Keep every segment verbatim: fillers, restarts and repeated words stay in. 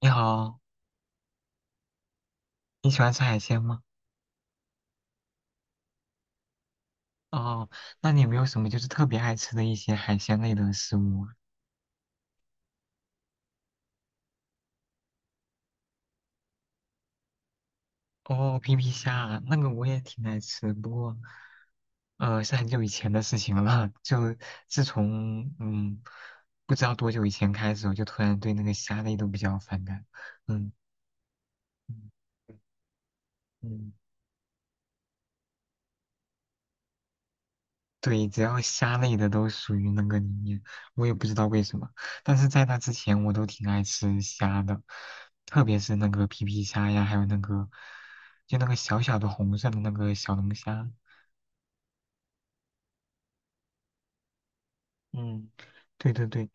你好，你喜欢吃海鲜吗？哦，那你有没有什么就是特别爱吃的一些海鲜类的食物啊？哦，皮皮虾啊那个我也挺爱吃，不过，呃，是很久以前的事情了。就自从嗯，不知道多久以前开始，我就突然对那个虾类都比较反感。嗯嗯嗯对，只要虾类的都属于那个里面，我也不知道为什么。但是在那之前，我都挺爱吃虾的，特别是那个皮皮虾呀，还有那个就那个小小的红色的那个小龙虾。嗯，对对对，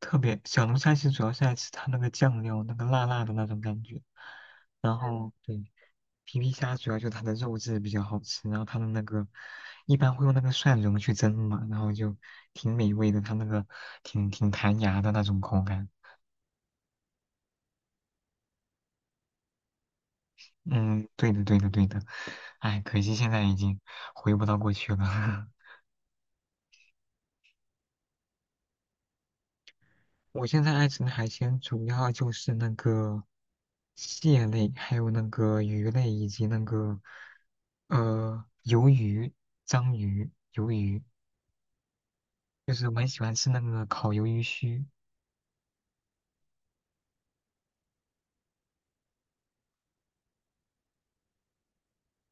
特别小龙虾其实主要是爱吃它那个酱料，那个辣辣的那种感觉。然嗯后对，皮皮虾主要就它的肉质比较好吃，然后它的那个一般会用那个蒜蓉去蒸嘛，然后就挺美味的，它那个挺挺弹牙的那种口感。嗯，对的，对的，对的。哎，可惜现在已经回不到过去了。我现在爱吃的海鲜主要就是那个蟹类，还有那个鱼类，以及那个呃鱿鱼、章鱼、鱿鱼，就是我很喜欢吃那个烤鱿鱼须。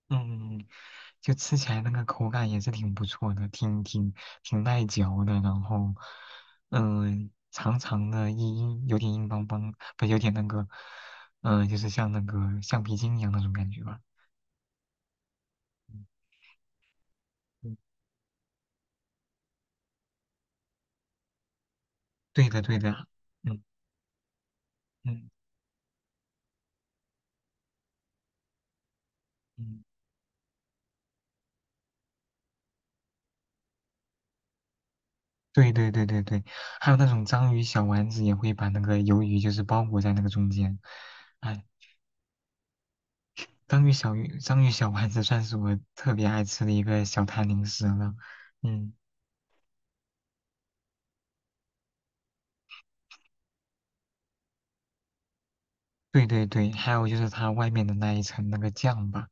嗯，就吃起来那个口感也是挺不错的，挺挺挺耐嚼的，然后，嗯、长长的硬硬，有点硬邦邦，不有点那个，嗯、就是像那个橡皮筋一样那种感觉吧。嗯嗯，对的对的，嗯嗯嗯，对对对对对，还有那种章鱼小丸子也会把那个鱿鱼就是包裹在那个中间，哎，章鱼小鱼章鱼小丸子算是我特别爱吃的一个小摊零食了，嗯。对对对，还有就是它外面的那一层那个酱吧，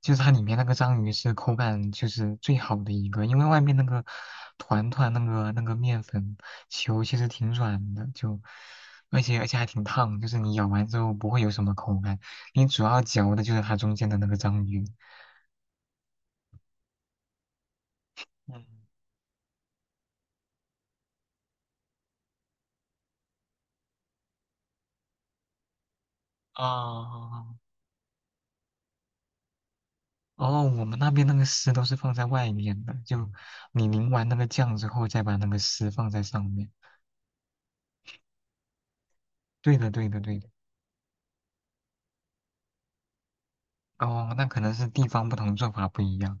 就是它里面那个章鱼是口感就是最好的一个，因为外面那个团团那个那个面粉球其实挺软的，就而且而且还挺烫，就是你咬完之后不会有什么口感，你主要嚼的就是它中间的那个章鱼。嗯啊。哦哦，我们那边那个丝都是放在外面的，就你淋完那个酱之后，再把那个丝放在上面。对的，对的，对的。哦，那可能是地方不同，做法不一样。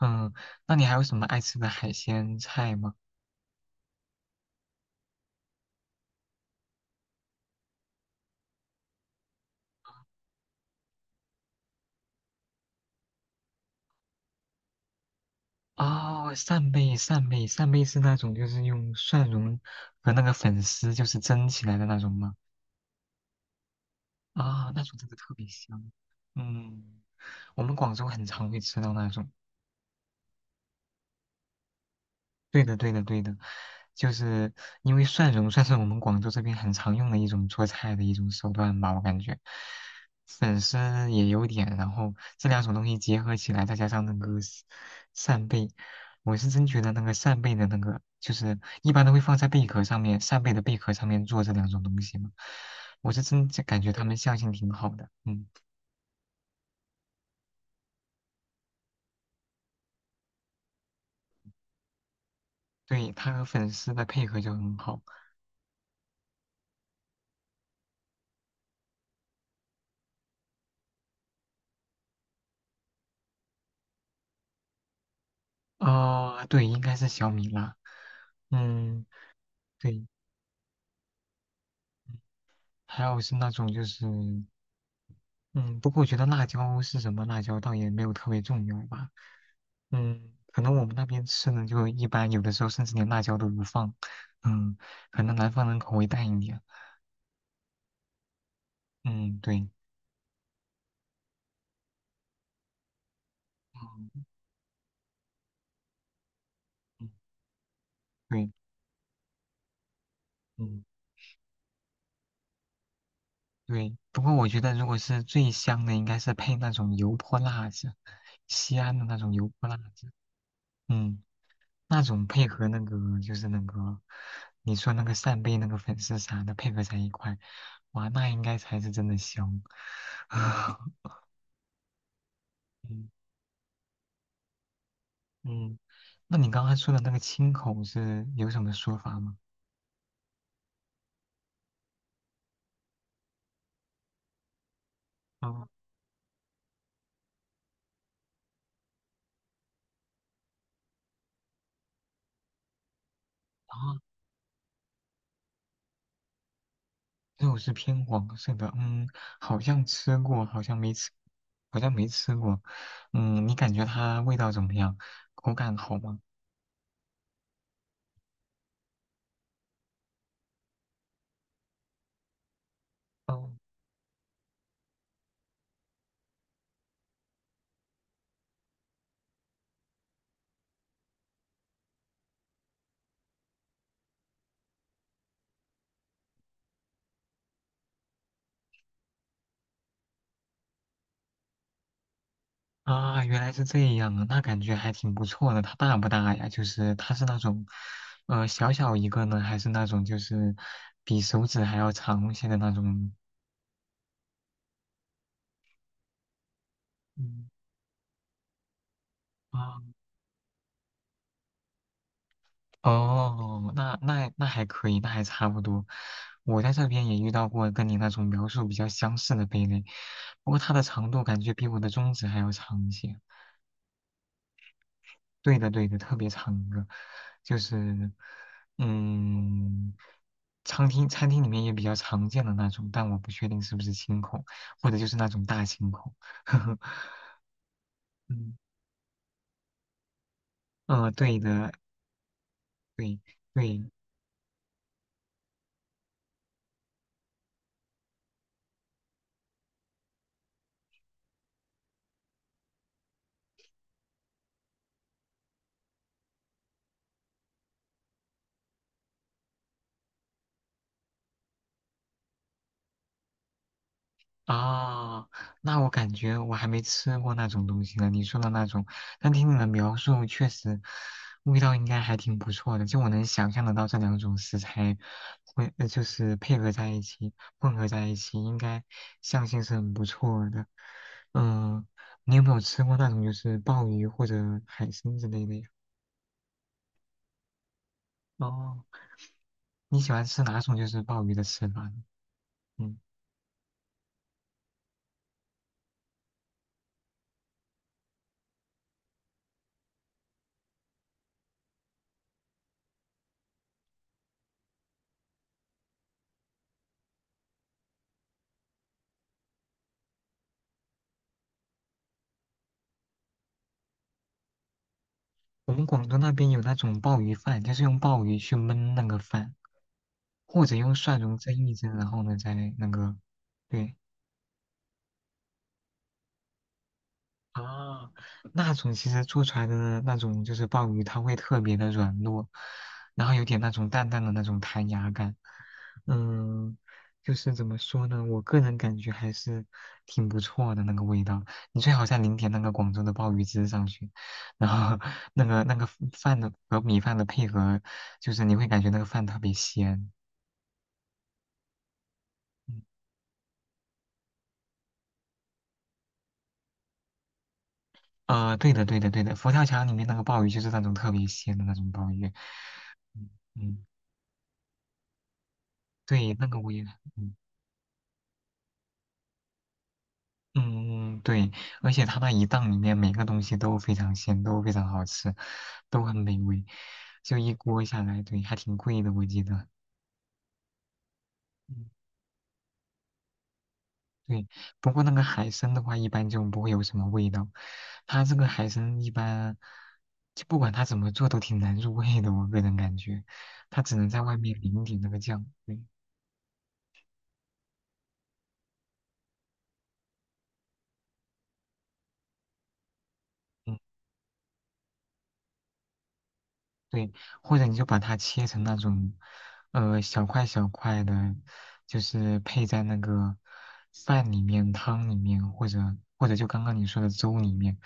嗯，那你还有什么爱吃的海鲜菜吗？哦，扇贝，扇贝，扇贝是那种就是用蒜蓉和那个粉丝就是蒸起来的那种吗？啊、那种真的特别香。嗯，我们广州很常会吃到那种。对的，对的，对的，就是因为蒜蓉算是我们广州这边很常用的一种做菜的一种手段吧，我感觉粉丝也有点，然后这两种东西结合起来，再加上那个扇扇贝，我是真觉得那个扇贝的那个，就是一般都会放在贝壳上面，扇贝的贝壳上面做这两种东西嘛，我是真就感觉他们相性挺好的，嗯，对，它和粉丝的配合就很好，哦、对，应该是小米辣，嗯，对。还有是那种就是，嗯，不过我觉得辣椒是什么辣椒倒也没有特别重要吧，嗯，可能我们那边吃的就一般，有的时候甚至连辣椒都不放，嗯，可能南方人口味淡一点，嗯，对，嗯嗯对，嗯对，不过我觉得如果是最香的，应该是配那种油泼辣子，西安的那种油泼辣子，嗯。那种配合那个就是那个，你说那个扇贝那个粉丝啥的配合在一块，哇，那应该才是真的香。啊，嗯嗯，那你刚刚说的那个青口是有什么说法吗？哦，啊，肉是偏黄色的，嗯，好像吃过，好像没吃，好像没吃过。嗯，你感觉它味道怎么样？口感好吗？哦啊，原来是这样啊，那感觉还挺不错的。它大不大呀？就是它是那种，呃，小小一个呢，还是那种就是比手指还要长一些的那种？嗯，啊，哦，那那那还可以，那还差不多。我在这边也遇到过跟你那种描述比较相似的贝类，不过它的长度感觉比我的中指还要长一些。对的，对的，特别长一个，就是，嗯，餐厅餐厅里面也比较常见的那种，但我不确定是不是清孔，或者就是那种大青孔。嗯，呃，对的，对对，啊，那我感觉我还没吃过那种东西呢。你说的那种，但听你的描述，确实味道应该还挺不错的。就我能想象得到这两种食材会，呃就是配合在一起、混合在一起，应该相性是很不错的。嗯，你有没有吃过那种就是鲍鱼或者海参之类的呀？哦，你喜欢吃哪种就是鲍鱼的吃法呢？嗯，我们广东那边有那种鲍鱼饭，就是用鲍鱼去焖那个饭。或者用蒜蓉蒸一蒸，然后呢再那个，对啊，那种其实做出来的那种就是鲍鱼，它会特别的软糯，然后有点那种淡淡的那种弹牙感，嗯，就是怎么说呢，我个人感觉还是挺不错的那个味道。你最好再淋点那个广州的鲍鱼汁上去，然后那个那个饭的和米饭的配合，就是你会感觉那个饭特别鲜。嗯呃，对的，对的，对的，佛跳墙里面那个鲍鱼就是那种特别鲜的那种鲍鱼，嗯嗯对，那个我也，嗯嗯，对，而且它那一档里面每个东西都非常鲜，都非常好吃，都很美味，就一锅下来，对，还挺贵的，我记得，嗯，对，不过那个海参的话，一般就不会有什么味道，它这个海参一般，就不管它怎么做都挺难入味的，我个人感觉，它只能在外面淋一点那个酱，对。嗯。对，或者你就把它切成那种，呃，小块小块的，就是配在那个饭里面、汤里面，或者或者就刚刚你说的粥里面，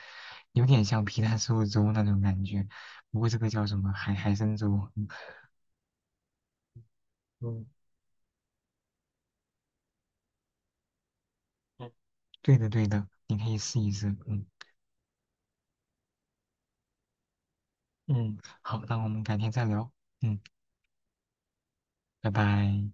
有点像皮蛋瘦肉粥那种感觉。不过这个叫什么海海参粥？嗯，嗯，对的对的，你可以试一试。嗯嗯，好，那我们改天再聊。嗯，拜拜。